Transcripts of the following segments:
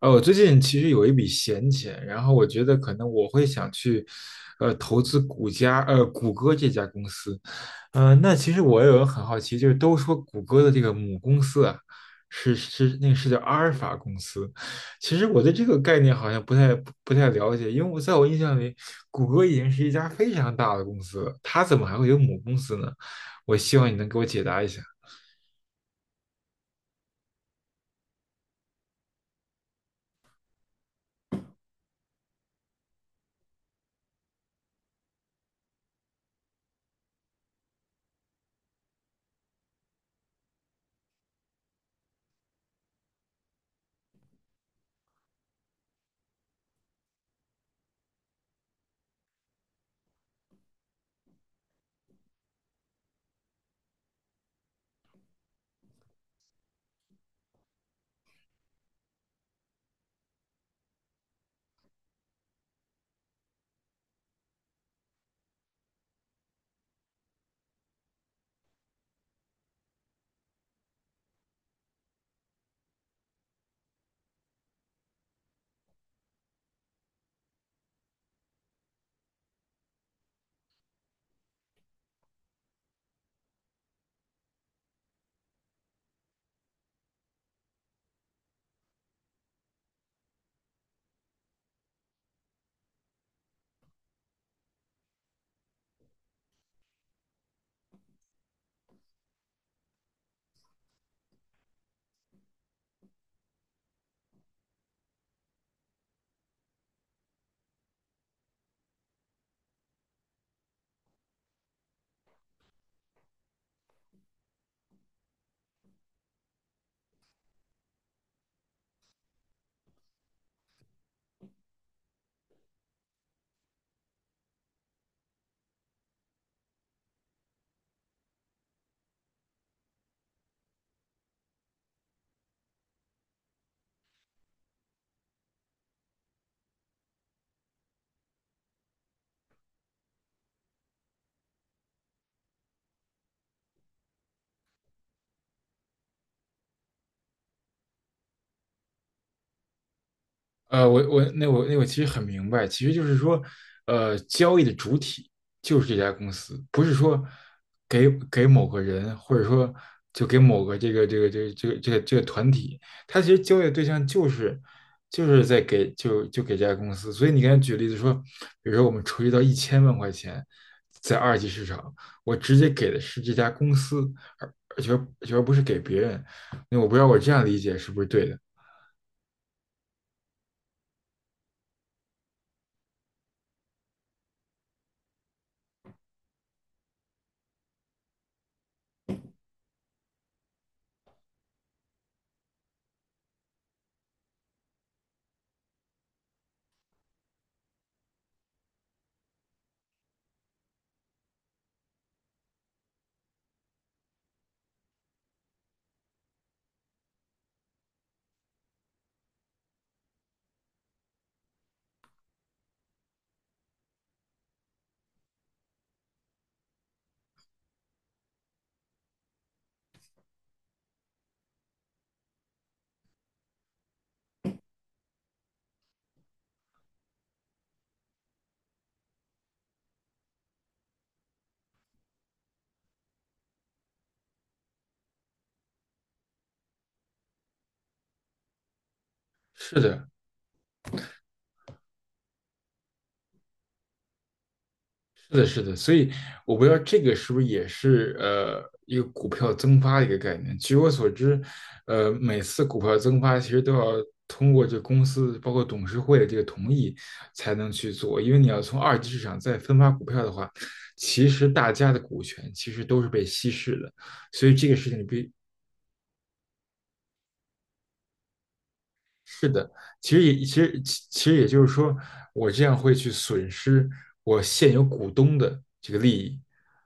我最近其实有一笔闲钱，然后我觉得可能我会想去，投资谷歌这家公司。那其实我也有很好奇，就是都说谷歌的这个母公司啊，是那个是叫阿尔法公司。其实我对这个概念好像不太了解，因为我印象里，谷歌已经是一家非常大的公司了，它怎么还会有母公司呢？我希望你能给我解答一下。我其实很明白，其实就是说，交易的主体就是这家公司，不是说给某个人，或者说就给某个这个团体，他其实交易的对象就是就是在给就就给这家公司。所以你刚才举例子说，比如说我们筹集到1000万块钱，在二级市场，我直接给的是这家公司，而而且而不是给别人。那我不知道我这样理解是不是对的？是的，是的，是的，所以我不知道这个是不是也是一个股票增发的一个概念。据我所知，每次股票增发其实都要通过这公司包括董事会的这个同意才能去做，因为你要从二级市场再分发股票的话，其实大家的股权其实都是被稀释的，所以这个事情必是的，其实也就是说，我这样会去损失我现有股东的这个利益，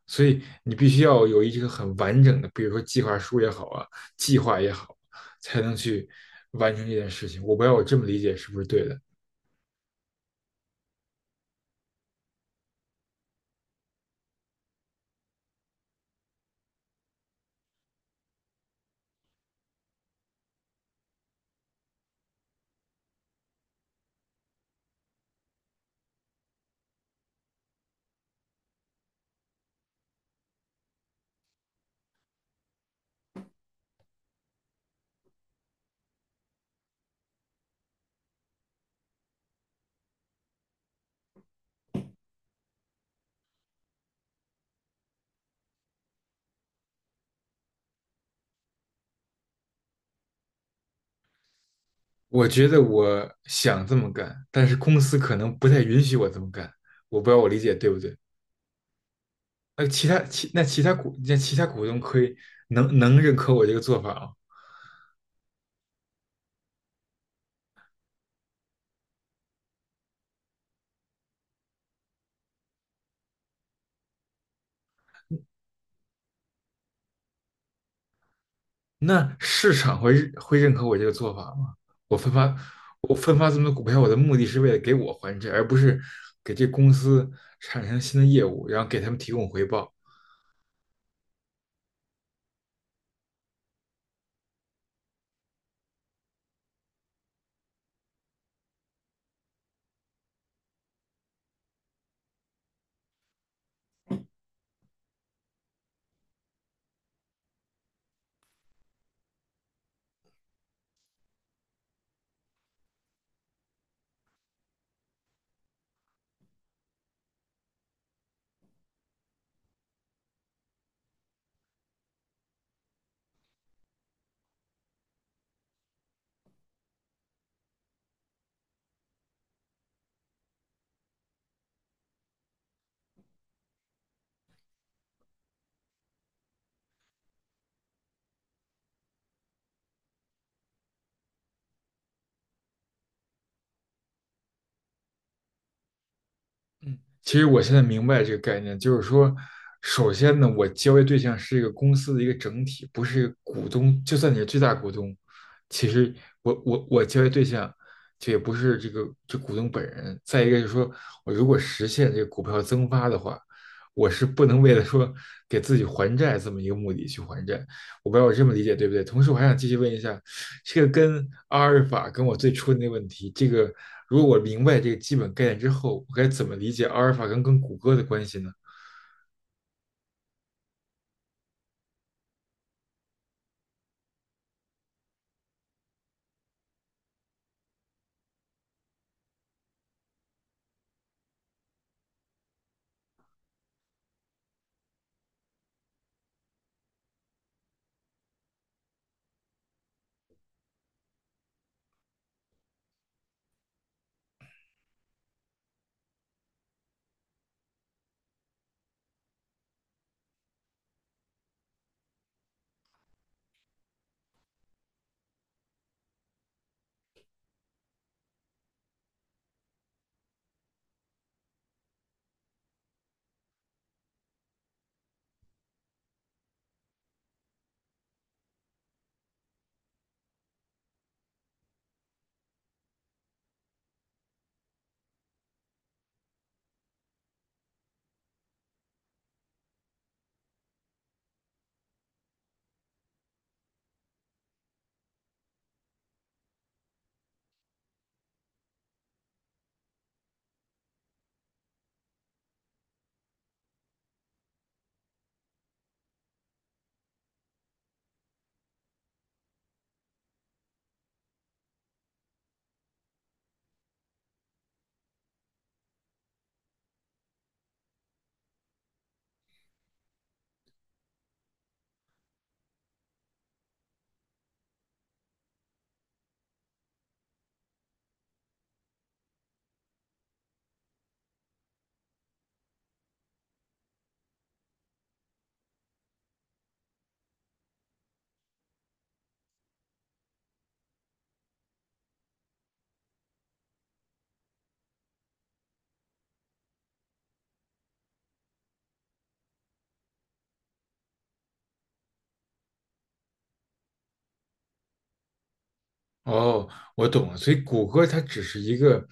所以你必须要有一个很完整的，比如说计划书也好啊，计划也好，才能去完成这件事情。我不知道我这么理解是不是对的？我觉得我想这么干，但是公司可能不太允许我这么干。我不知道我理解对不对？那其他股东可以能能认可我这个做法吗？那市场会认可我这个做法吗？我分发我分发这么多股票，我的目的是为了给我还债，而不是给这公司产生新的业务，然后给他们提供回报。其实我现在明白这个概念，就是说，首先呢，我交易对象是一个公司的一个整体，不是一个股东。就算你是最大股东，其实我交易对象，就也不是这股东本人。再一个就是说，我如果实现这个股票增发的话，我是不能为了说给自己还债这么一个目的去还债，我不知道我这么理解对不对？同时，我还想继续问一下，这个跟阿尔法跟我最初的那个问题，这个如果我明白这个基本概念之后，我该怎么理解阿尔法跟谷歌的关系呢？哦，我懂了，所以谷歌它只是一个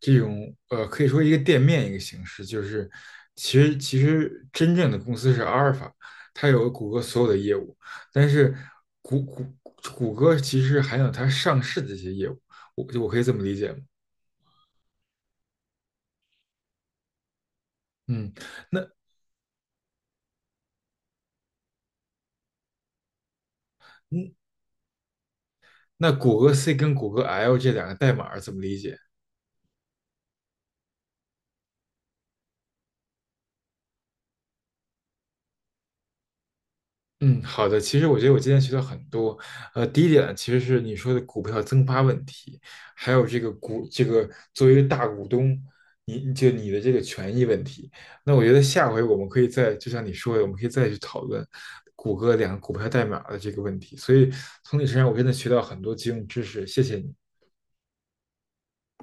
这种可以说一个店面一个形式，就是其实真正的公司是阿尔法，它有谷歌所有的业务，但是谷谷谷歌其实还有它上市的一些业务，我可以这么理解吗？嗯，那嗯。那谷歌 C 跟谷歌 L 这两个代码怎么理解？嗯，好的。其实我觉得我今天学到很多。第一点其实是你说的股票增发问题，还有这个股这个作为一个大股东，你的这个权益问题。那我觉得下回我们可以再，就像你说的，我们可以再去讨论谷歌两个股票代码的这个问题。所以从你身上我真的学到很多金融知识，谢谢你。